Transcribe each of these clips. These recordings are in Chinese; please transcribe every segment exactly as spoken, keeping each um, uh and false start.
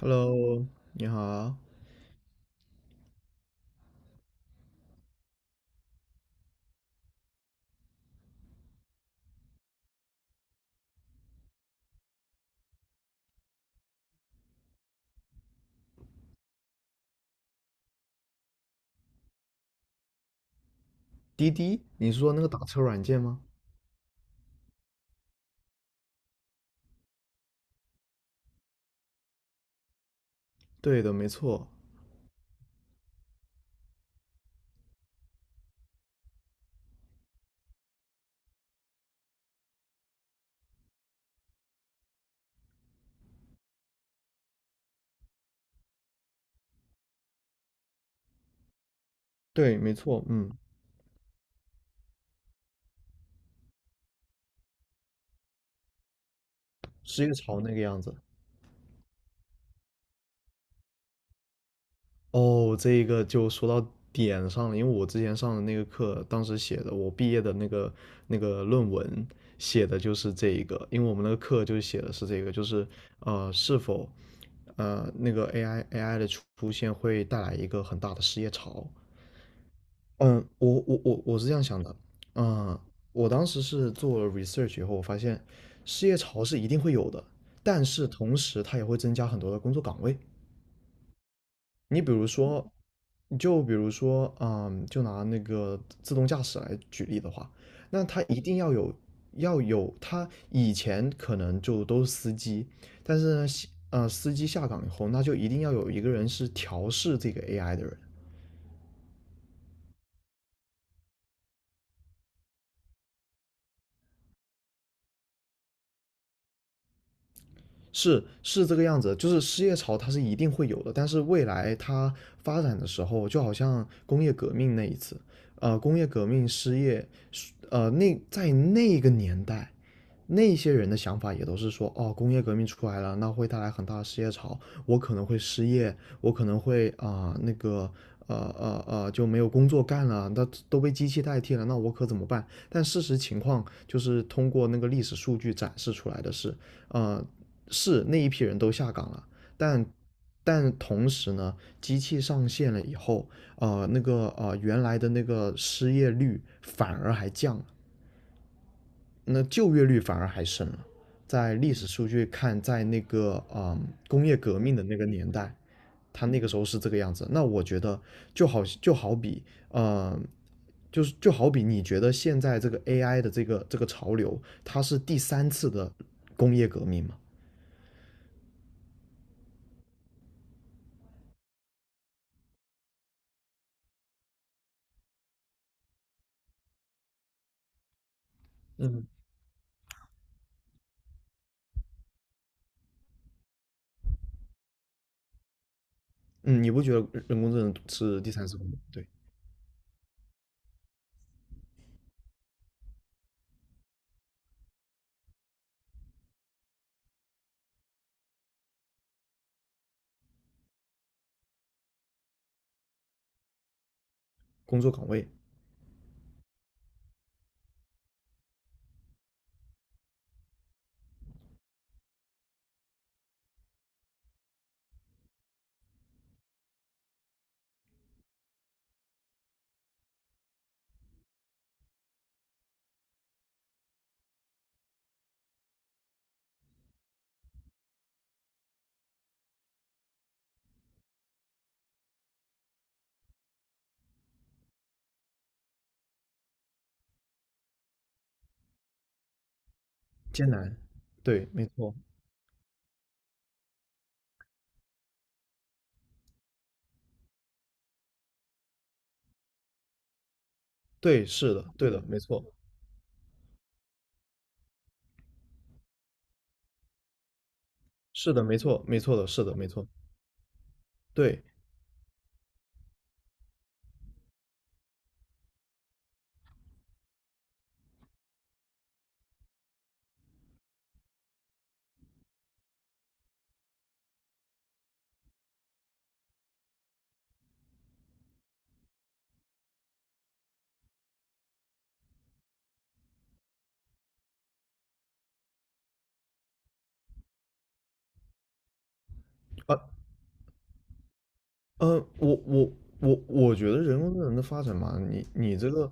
Hello，你好，滴滴，你是说那个打车软件吗？对的，没错，对，没错，嗯，是一个潮那个样子。哦，这一个就说到点上了，因为我之前上的那个课，当时写的我毕业的那个那个论文写的就是这一个，因为我们那个课就写的是这个，就是呃，是否呃那个 A I A I 的出现会带来一个很大的失业潮，嗯，我我我我是这样想的，嗯，我当时是做了 research 以后，我发现失业潮是一定会有的，但是同时它也会增加很多的工作岗位。你比如说，就比如说，嗯，就拿那个自动驾驶来举例的话，那它一定要有要有，它以前可能就都是司机，但是呢，西呃，司机下岗以后，那就一定要有一个人是调试这个 A I 的人。是是这个样子，就是失业潮它是一定会有的，但是未来它发展的时候，就好像工业革命那一次，呃，工业革命失业，呃，那在那个年代，那些人的想法也都是说，哦，工业革命出来了，那会带来很大的失业潮，我可能会失业，我可能会啊、呃那个。呃呃呃，就没有工作干了，那都被机器代替了，那我可怎么办？但事实情况就是通过那个历史数据展示出来的是，呃，是那一批人都下岗了，但但同时呢，机器上线了以后，呃，那个呃原来的那个失业率反而还降了，那就业率反而还升了。在历史数据看，在那个嗯工业革命的那个年代，它那个时候是这个样子。那我觉得就好就好比呃。就是就好比你觉得现在这个 A I 的这个这个潮流，它是第三次的工业革命嘛？嗯，你不觉得人工智能是第三次工对工作岗位艰难？对，没错，对，是的，对的，没错，是的，没错，没错的，是的，没错，对，啊，呃，我我我我觉得人工智能的发展嘛，你你这个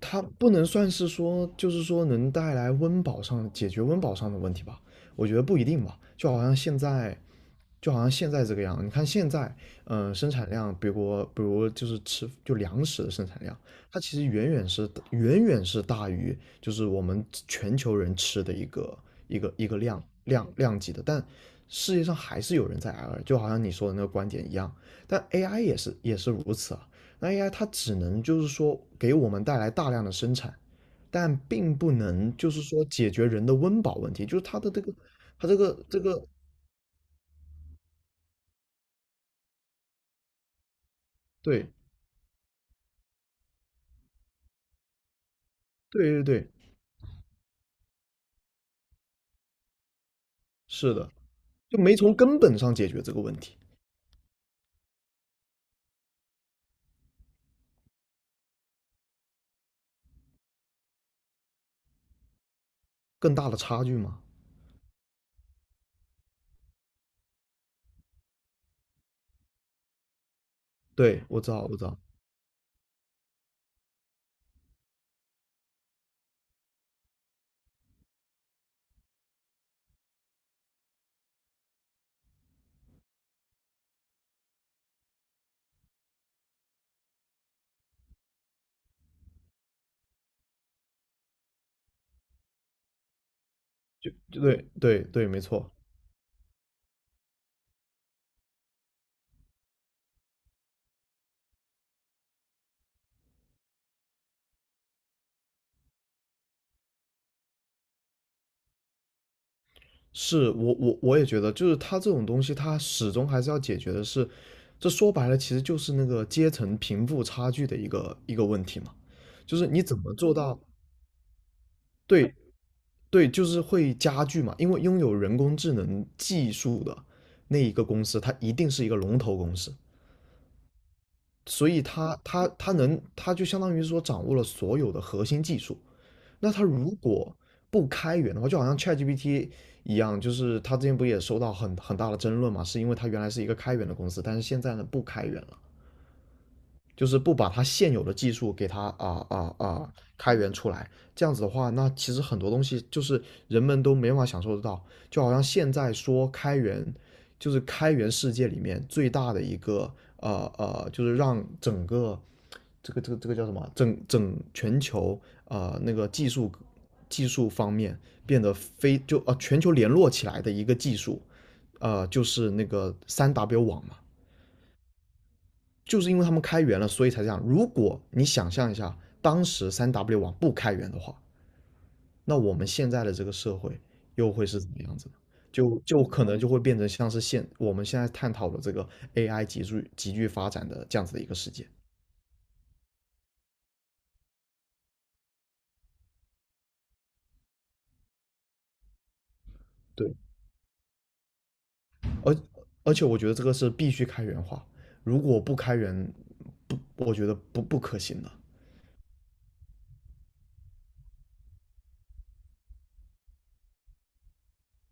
它不能算是说，就是说能带来温饱上解决温饱上的问题吧？我觉得不一定吧，就好像现在就好像现在这个样，你看现在，嗯、呃生产量，比如比如就是吃就粮食的生产量，它其实远远是远远是大于就是我们全球人吃的一个一个一个量量量级的，但世界上还是有人在挨饿，就好像你说的那个观点一样，但 A I 也是也是如此啊，那 A I 它只能就是说给我们带来大量的生产，但并不能就是说解决人的温饱问题，就是它的这个它这个这个对。对对对，是的，就没从根本上解决这个问题，更大的差距嘛。对，我知道，我知道，就就对对对，没错，是我我我也觉得，就是它这种东西，它始终还是要解决的是，这说白了其实就是那个阶层贫富差距的一个一个问题嘛，就是你怎么做到对对，就是会加剧嘛，因为拥有人工智能技术的那一个公司，它一定是一个龙头公司，所以他他他能，他就相当于说掌握了所有的核心技术。那他如果不开源的话，就好像 ChatGPT 一样，就是他之前不也收到很很大的争论嘛，是因为他原来是一个开源的公司，但是现在呢不开源了。就是不把它现有的技术给它啊啊啊开源出来，这样子的话，那其实很多东西就是人们都没办法享受得到。就好像现在说开源，就是开源世界里面最大的一个呃呃，就是让整个这个这个这个叫什么？整整全球呃那个技术技术方面变得非就啊呃全球联络起来的一个技术，呃就是那个三 W 网嘛。就是因为他们开源了，所以才这样。如果你想象一下，当时三 W 网不开源的话，那我们现在的这个社会又会是怎么样子呢？就就可能就会变成像是现我们现在探讨的这个 A I 急剧急剧发展的这样子的一个世界。对，而而且我觉得这个是必须开源化，如果不开源，不，我觉得不不可行的。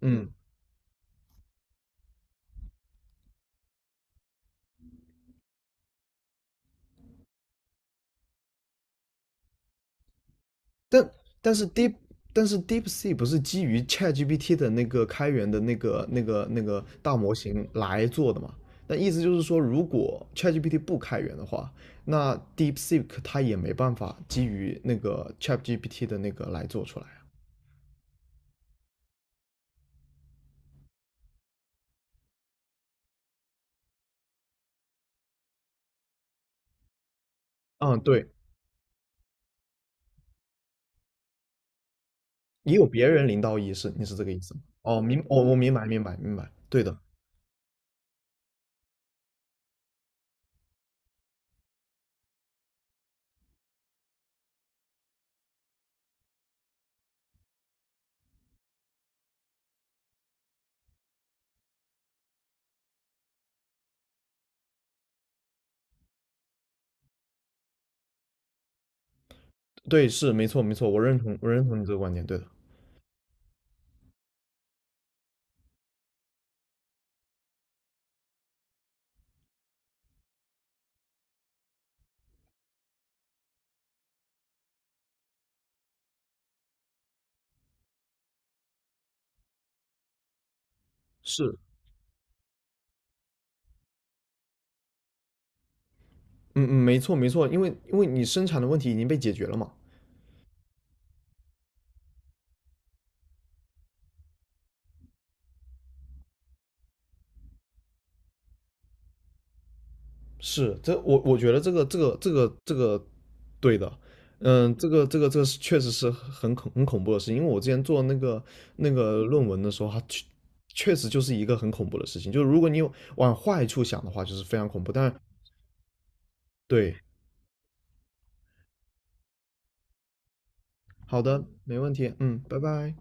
嗯，但但是 Deep 但是 d e e p s e e k 不是基于 ChatGPT 的那个开源的那个那个那个大模型来做的嘛？那意思就是说，如果 ChatGPT 不开源的话，那 DeepSeek 它也没办法基于那个 ChatGPT 的那个来做出来啊。嗯，对，也有别人领导意识，你是这个意思吗？哦，明，哦，我明白，明白，明白，对的，对，是没错，没错，我认同，我认同，你这个观点，对的，是，嗯嗯，没错，没错，因为因为你生产的问题已经被解决了嘛。是，这我我觉得这个这个这个这个对的，嗯，这个这个这个是确实是很恐很恐怖的事情，因为我之前做那个那个论文的时候，它确确实就是一个很恐怖的事情，就是如果你有往坏处想的话，就是非常恐怖。但对，好的，没问题，嗯，拜拜。